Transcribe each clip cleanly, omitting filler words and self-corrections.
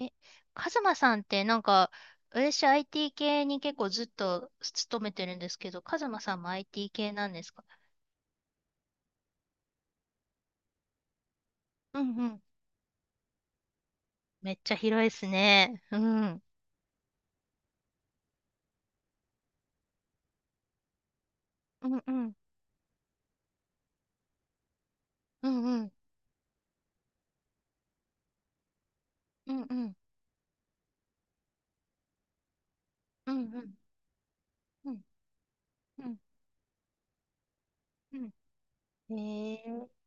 え、カズマさんってなんか、私 IT 系に結構ずっと勤めてるんですけど、カズマさんも IT 系なんですか？うんうん。めっちゃ広いですね。うん。うんうん。うんうん。うんうん。うんうん。うんうんうん。うん。へえ。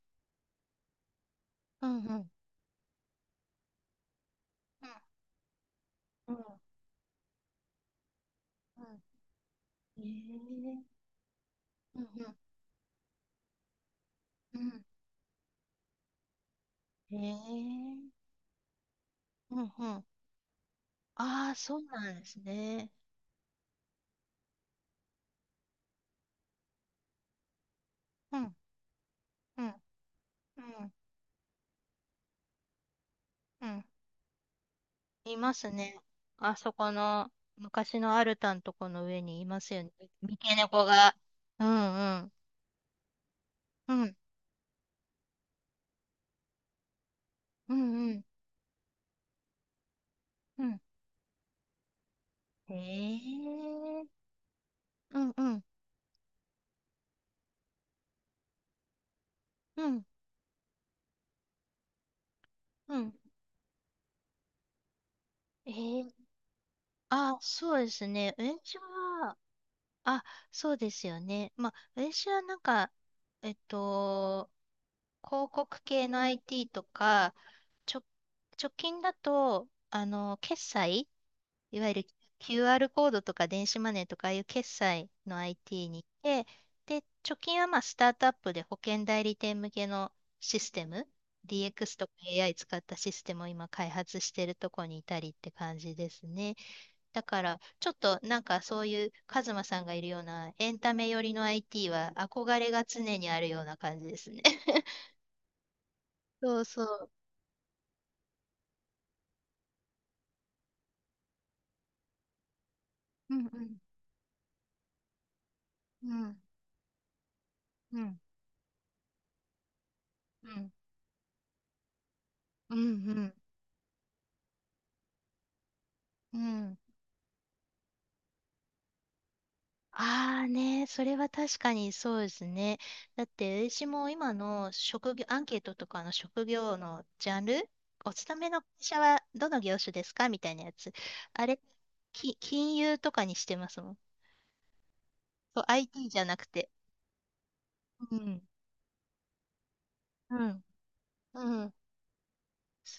うんうん。うんうんうん。へえ。うんうんうん。へえ。うんうん。ああ、そうなんですね。うんうんうんうん。いますね。あそこの昔のアルタのとこの上にいますよね。三毛猫が。うんうん。うん。うんうん。うん。へえ。うんうんうんうん。ええ。あ、そうですね。私は、あ、そうですよね。まあ、私はなんか、えっと、広告系の IT とか、ちょ、直近だと、決済いわゆる QR コードとか電子マネーとかああいう決済の IT に行って、で、貯金はまあスタートアップで保険代理店向けのシステム、DX とか AI 使ったシステムを今開発してるとこにいたりって感じですね。だから、ちょっとなんかそういうカズマさんがいるようなエンタメ寄りの IT は憧れが常にあるような感じですね。そうそう。うんうん。うんうん。うんうんうん。うん。ああね、それは確かにそうですね。だって、私も今の職業、アンケートとかの職業のジャンル、お勤めの会社はどの業種ですかみたいなやつ。あれ、金融とかにしてますもん。そう、IT じゃなくて。うん。うん。うん。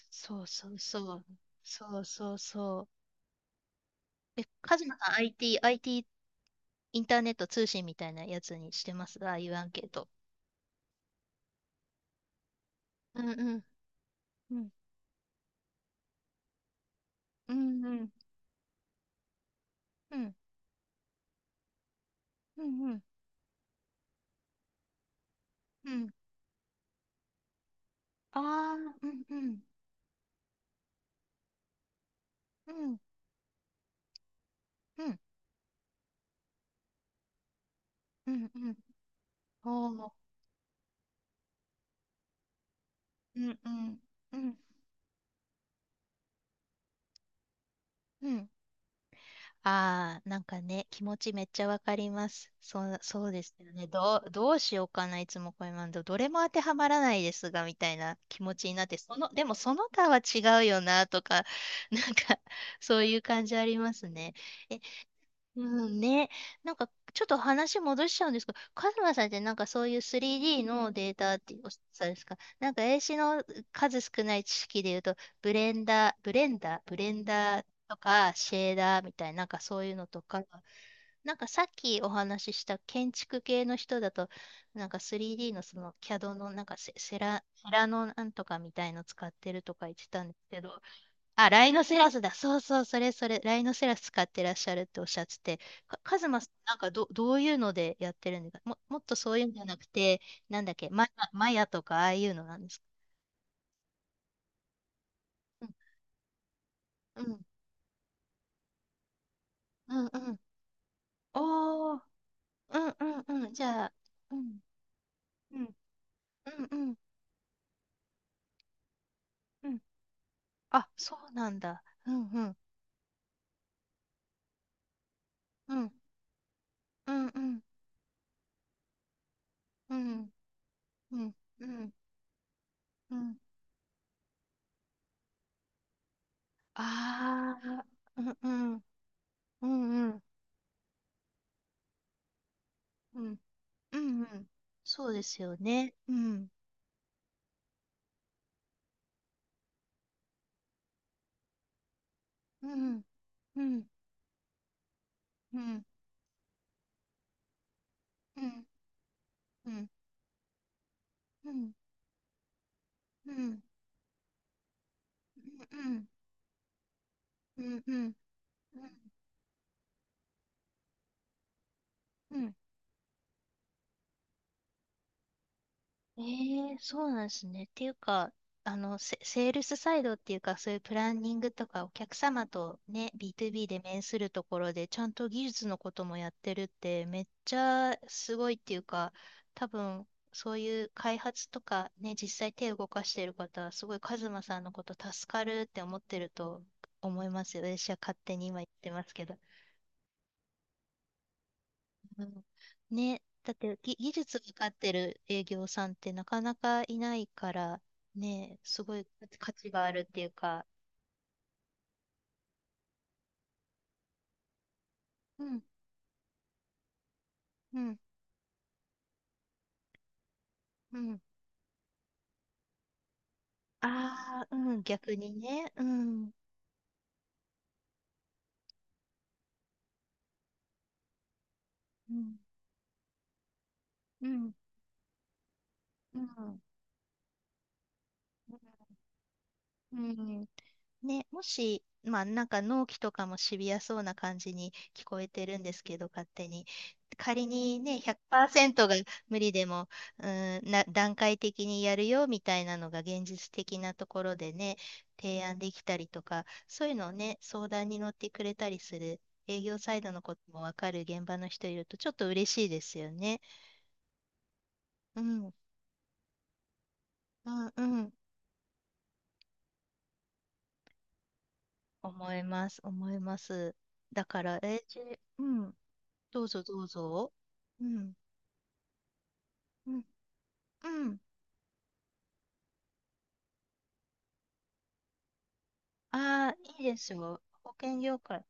そうそうそう。そうそうそう。え、カズマさん IT、アイティーインターネット通信みたいなやつにしてます、ああいうアンケート。うんうん。うん。うんうん。うんうんうん。うん。ああ、うんうん、うん、うん、うん、うん、おー、うん、うん、うん、うん。ああ、なんかね、気持ちめっちゃわかります。そう、そうですよね。どう、どうしようかな、いつもこれなんで、どれも当てはまらないですが、みたいな気持ちになって、その、でもその他は違うよな、とか、なんか、そういう感じありますね。え、うんね。なんか、ちょっと話戻しちゃうんですけど、カズマさんってなんかそういう 3D のデータっておっしゃるんですか？なんか、英詞の数少ない知識で言うと、ブレンダーとか、シェーダーみたいな、なんかそういうのとか、なんかさっきお話しした建築系の人だと、なんか 3D のその CAD のなんかセラのなんとかみたいの使ってるとか言ってたんですけど、あ、ライノセラスだ。そうそう、それそれ、ライノセラス使ってらっしゃるっておっしゃってて、カズマさん、なんかどういうのでやってるんですか？もっとそういうんじゃなくて、なんだっけ、マヤとかああいうのなんですか？うん、うん、うん、うん。おー、うん、うん、うん。じゃあ、うん、うん、うん、うん、うん。あ、そうなんだ。うん、うん、うん、うん、うん、うん、うん、うん、うん。ああ、うん、うん、うん、うん、うん。うんうん。そうですよね。うん。うん。うん。うん。うん。うん。うん。うん。うん。うん。うん。うん。うん。うん。ええ、そうなんですね。っていうか、セールスサイドっていうか、そういうプランニングとか、お客様とね、b o b で面するところで、ちゃんと技術のこともやってるって、めっちゃすごいっていうか、多分、そういう開発とかね、実際手を動かしてる方は、すごいカズマさんのこと助かるって思ってると思いますよ。私は勝手に今言ってますけど。うんね、だって技術がかってる営業さんってなかなかいないから、ね、すごい価値があるっていうか、うん、うん、うん。ああ、うん、逆にね、うん、うん、うん、うん、うん、うん。ね、もし、まあ、なんか納期とかもシビアそうな感じに聞こえてるんですけど、勝手に。仮にね、100%が無理でも、うーん、段階的にやるよみたいなのが現実的なところでね、提案できたりとか、そういうのをね、相談に乗ってくれたりする、営業サイドのこともわかる現場の人いると、ちょっと嬉しいですよね。うん、うん、うん、思います、思います。だから、じうん。どうぞどうぞ。うん。うん。うん。ああ、いいですよ。保険業界。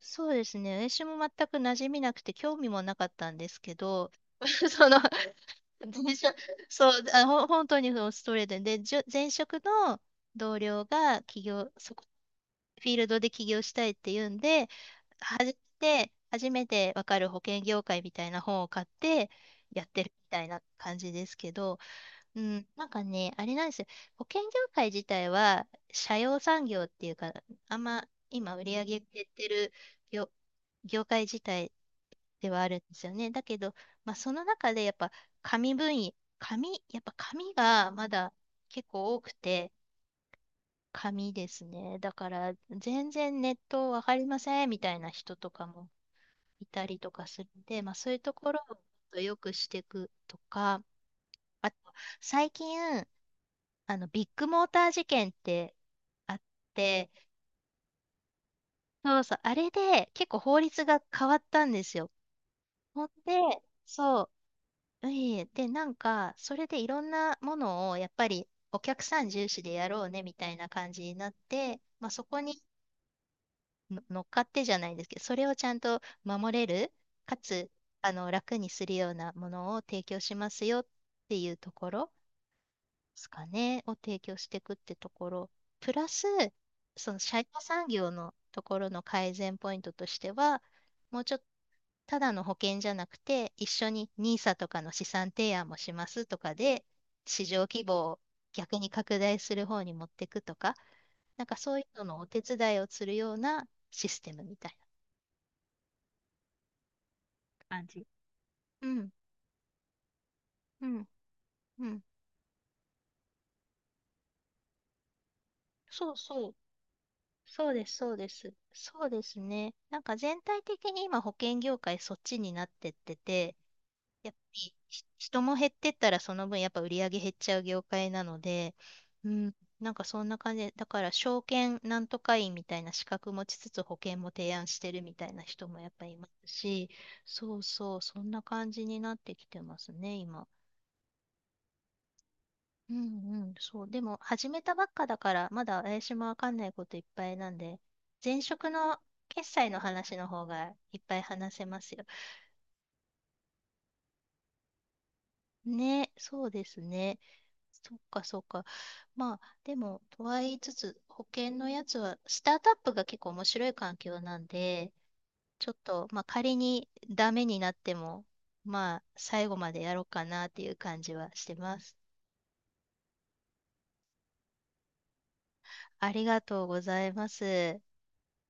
そうですね。私も全く馴染みなくて興味もなかったんですけど、その、前職、そう、あ、本当にそのストレートで、で、前職の同僚が起業、そこ、フィールドで起業したいって言うんで、初めてわかる保険業界みたいな本を買ってやってるみたいな感じですけど、うん、なんかね、あれなんですよ。保険業界自体は、社用産業っていうか、あんま今売り上げ減ってる業、業界自体ではあるんですよね。だけど、まあ、その中でやっぱ紙分野、紙、やっぱ紙がまだ結構多くて、紙ですね。だから、全然ネットわかりませんみたいな人とかもいたりとかするんで、まあ、そういうところをもっと良くしていくとか、あと、最近、ビッグモーター事件ってあって、そうそう、あれで結構法律が変わったんですよ。ほんで、そう、いえいえで、なんか、それでいろんなものをやっぱりお客さん重視でやろうねみたいな感じになって、まあ、そこにの乗っかってじゃないんですけど、それをちゃんと守れる、かつ、楽にするようなものを提供しますよっていうところですかね、を提供していくってところ、プラス、その社員産業のところの改善ポイントとしては、もうちょっとただの保険じゃなくて、一緒にニーサとかの資産提案もしますとかで、市場規模を逆に拡大する方に持っていくとか、なんかそういうののお手伝いをするようなシステムみたいな感じ。うん、うん、うん。そうそう。そうです、そうです。そうですね。なんか全体的に今保険業界そっちになってってて、やっぱり人も減ってったらその分やっぱ売り上げ減っちゃう業界なので、うん、なんかそんな感じで、だから証券なんとか員みたいな資格持ちつつ保険も提案してるみたいな人もやっぱりいますし、そうそう、そんな感じになってきてますね、今。うんうん、そう。でも、始めたばっかだから、まだ私もわかんないこといっぱいなんで、前職の決済の話の方がいっぱい話せますよ。ね、そうですね。そっかそっか。まあ、でも、とは言いつつ、保険のやつは、スタートアップが結構面白い環境なんで、ちょっと、まあ、仮にダメになっても、まあ、最後までやろうかなっていう感じはしてます。ありがとうございます。